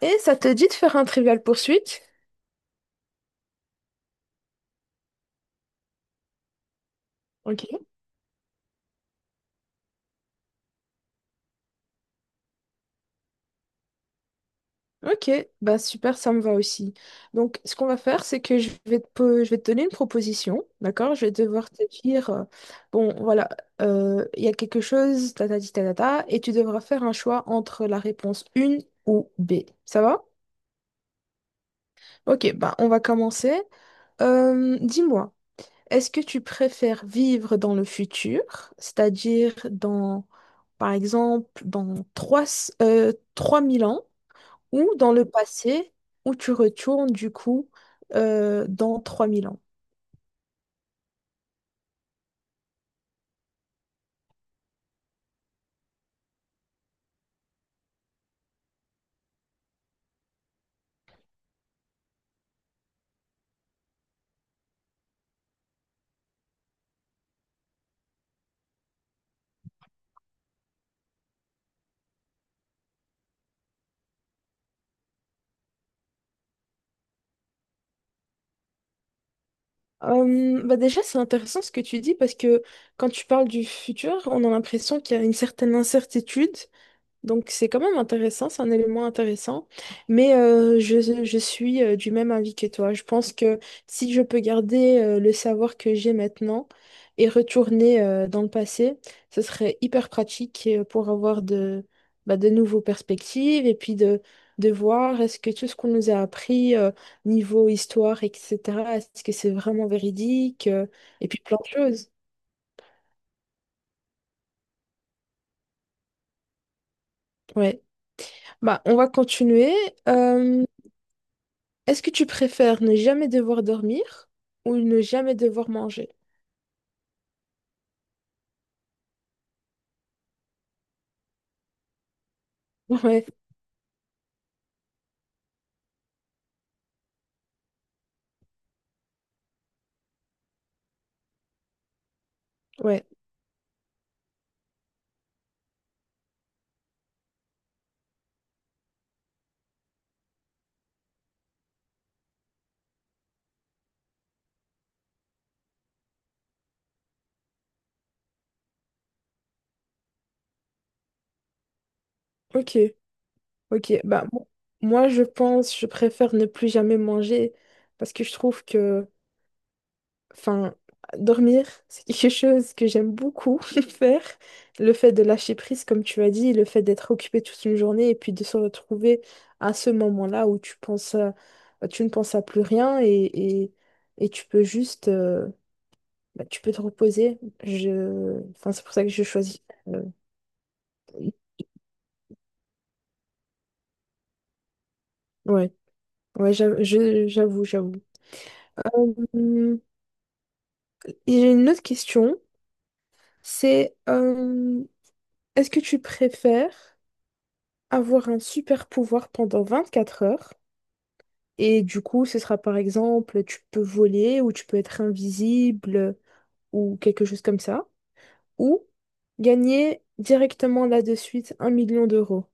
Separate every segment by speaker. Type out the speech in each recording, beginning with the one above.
Speaker 1: Et ça te dit de faire un trivial poursuite? Ok. Ok, bah super, ça me va aussi. Donc, ce qu'on va faire, c'est que je vais te donner une proposition, d'accord? Je vais devoir te dire, bon, voilà, il y a quelque chose, ta ta ti, ta ta ta, et tu devras faire un choix entre la réponse 1 ou B. Ça va? Ok, bah on va commencer. Dis-moi, est-ce que tu préfères vivre dans le futur, c'est-à-dire dans, par exemple, dans 3 000 ans? Ou dans le passé, où tu retournes du coup, dans 3 000 ans? Bah déjà, c'est intéressant ce que tu dis, parce que quand tu parles du futur, on a l'impression qu'il y a une certaine incertitude. Donc c'est quand même intéressant, c'est un élément intéressant. Mais je suis, du même avis que toi. Je pense que si je peux garder, le savoir que j'ai maintenant et retourner, dans le passé, ce serait hyper pratique, pour avoir de, bah, de nouveaux perspectives et puis de voir est-ce que tout ce qu'on nous a appris, niveau histoire, etc., est-ce que c'est vraiment véridique, et puis plein de choses. Ouais. Bah, on va continuer. Euh, Est-ce que tu préfères ne jamais devoir dormir ou ne jamais devoir manger? Ouais, ouais, ok, ok. Bah, moi, je pense, je préfère ne plus jamais manger parce que je trouve que, enfin, dormir, c'est quelque chose que j'aime beaucoup faire. Le fait de lâcher prise, comme tu as dit, le fait d'être occupé toute une journée et puis de se retrouver à ce moment-là où tu ne penses à plus rien, et, et tu peux juste, bah, tu peux te reposer. Je... Enfin, c'est pour ça que je choisis. euh, Ouais, ouais, j'avoue, j'avoue. Hum, Et j'ai une autre question. C'est, est-ce que tu préfères avoir un super pouvoir pendant 24 heures? Et du coup, ce sera par exemple, tu peux voler ou tu peux être invisible ou quelque chose comme ça. Ou gagner directement là de suite 1 million d'euros.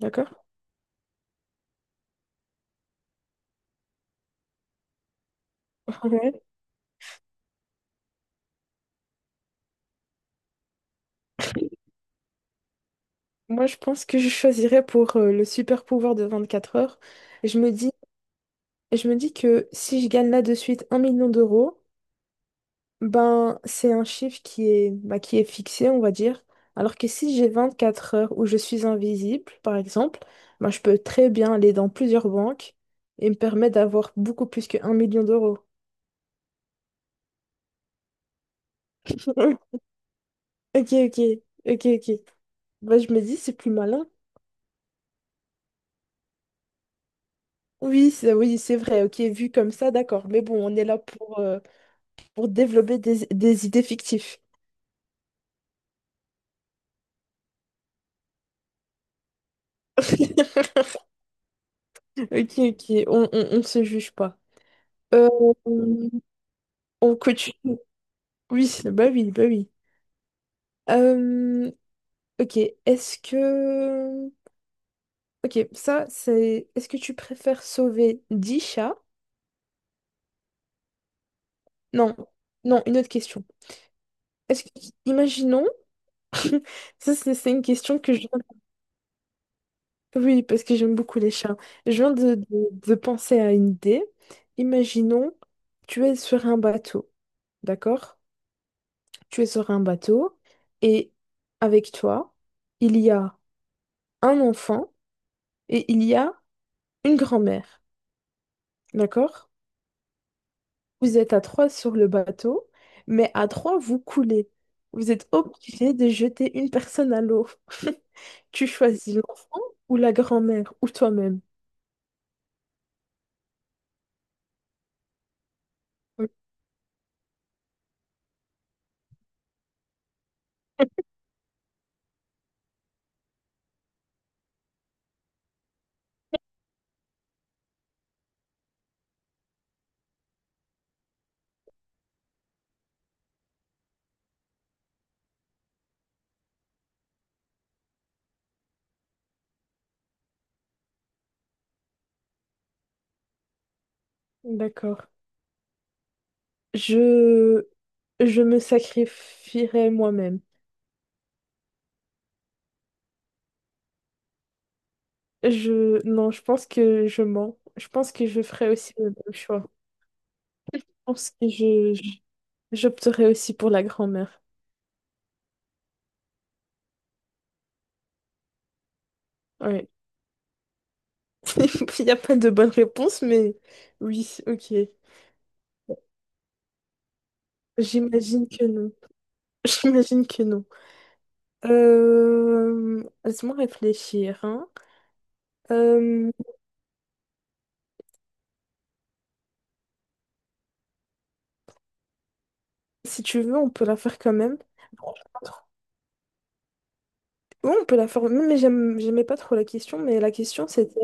Speaker 1: D'accord? Moi, je pense que je choisirais pour, le super pouvoir de 24 heures. Et je me dis que si je gagne là de suite un million d'euros, ben c'est un chiffre qui est, bah, qui est fixé, on va dire. Alors que si j'ai 24 heures où je suis invisible, par exemple, ben, je peux très bien aller dans plusieurs banques et me permettre d'avoir beaucoup plus que 1 million d'euros. Ok, ok, ok, ok. Bah, je me dis, c'est plus malin. Oui, c'est vrai, ok, vu comme ça, d'accord. Mais bon, on est là pour développer des idées fictives. Ok, ok, on se juge pas. Euh, on continue. Oui, bah oui, bah oui. Euh, ok, est-ce que... Ok, ça, c'est... Est-ce que tu préfères sauver 10 chats? Non, non, une autre question. Est-ce que... Imaginons... Ça, c'est une question que je... Oui, parce que j'aime beaucoup les chats. Je viens de penser à une idée. Imaginons, tu es sur un bateau, d'accord? Tu es sur un bateau et avec toi, il y a un enfant et il y a une grand-mère. D'accord? Vous êtes à trois sur le bateau, mais à trois, vous coulez. Vous êtes obligé de jeter une personne à l'eau. Tu choisis l'enfant ou la grand-mère ou toi-même. Oui, d'accord. Je... je me sacrifierai moi-même. Non, je pense que je mens. Je pense que je ferai aussi le même choix. Je pense que j'opterais aussi pour la grand-mère. Ouais. Il n'y a pas de bonne réponse, mais oui, ok. J'imagine que non. J'imagine que non. Laisse-moi réfléchir, hein. Euh, Si tu veux, on peut la faire quand même. Oui, on peut la faire. Mais j'aimais pas trop la question, mais la question c'était,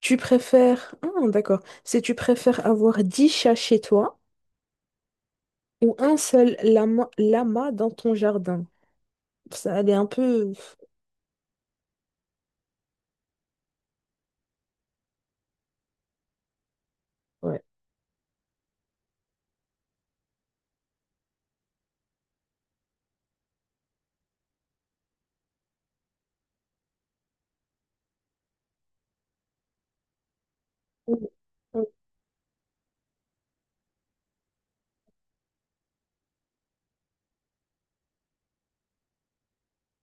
Speaker 1: tu préfères... Ah, d'accord. C'est, tu préfères avoir 10 chats chez toi ou un seul lama dans ton jardin. Ça, elle est un peu... Ouais. Mm, mm.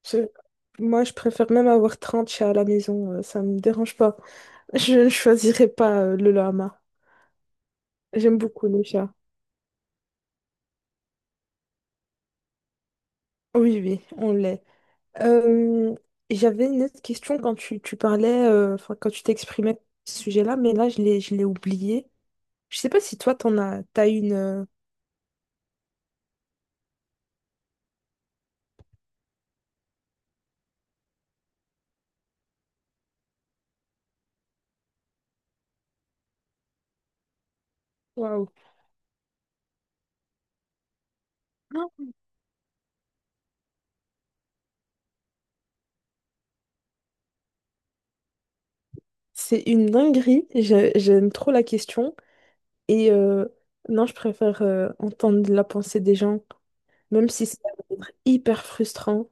Speaker 1: C'est- Moi, je préfère même avoir 30 chats à la maison, ça me dérange pas. Je ne choisirais pas, le lama. J'aime beaucoup les chats. Oui, oui, on l'est. Euh, J'avais une autre question quand tu parlais, enfin, quand tu t'exprimais à ce sujet-là, mais là, je l'ai oublié. Je sais pas si toi, t'as une. Waouh. C'est une dinguerie, j'aime trop la question. Et, non, je préfère, entendre la pensée des gens, même si ça va être hyper frustrant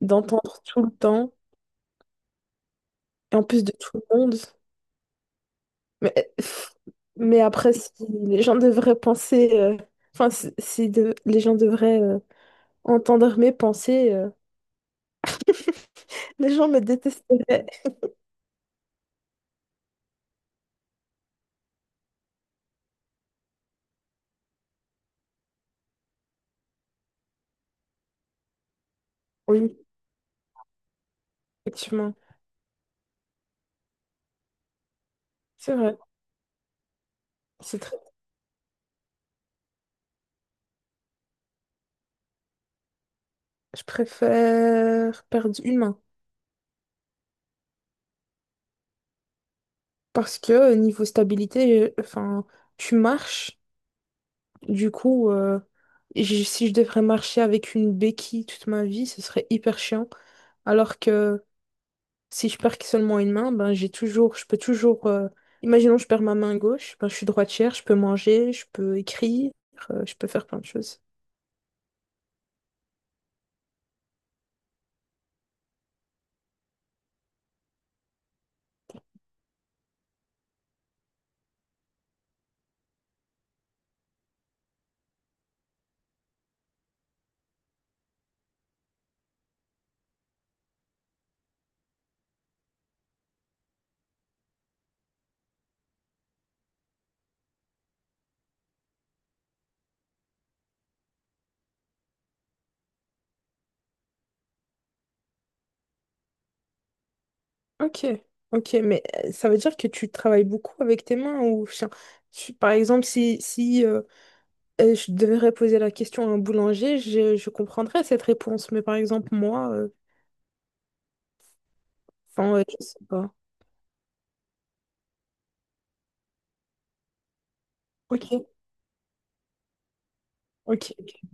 Speaker 1: d'entendre tout le temps, et en plus de tout le monde. Mais, pff, mais après, si les gens devraient penser, enfin, si les gens devraient, entendre mes pensées, les gens me détesteraient. Oui, effectivement, c'est vrai. C'est très... Je préfère perdre une main parce que, niveau stabilité, enfin, tu marches, du coup, si je devrais marcher avec une béquille toute ma vie, ce serait hyper chiant. Alors que, si je perds que seulement une main, ben j'ai toujours, je peux toujours. Imaginons, je perds ma main gauche, ben je suis droitière, je peux manger, je peux écrire, je peux faire plein de choses. Ok, ok, mais ça veut dire que tu travailles beaucoup avec tes mains ou enfin, par exemple, si je devrais poser la question à un boulanger, je comprendrais cette réponse, mais par exemple, moi, enfin, ouais, je sais pas. Ok, ok, ok.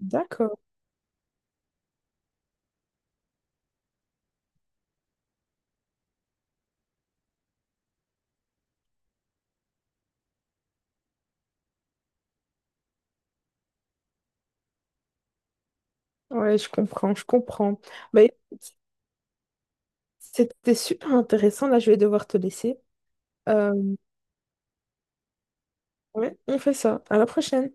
Speaker 1: D'accord. Ouais, je comprends, je comprends. Ben, c'était super intéressant. Là, je vais devoir te laisser. Euh, Oui, on fait ça. À la prochaine.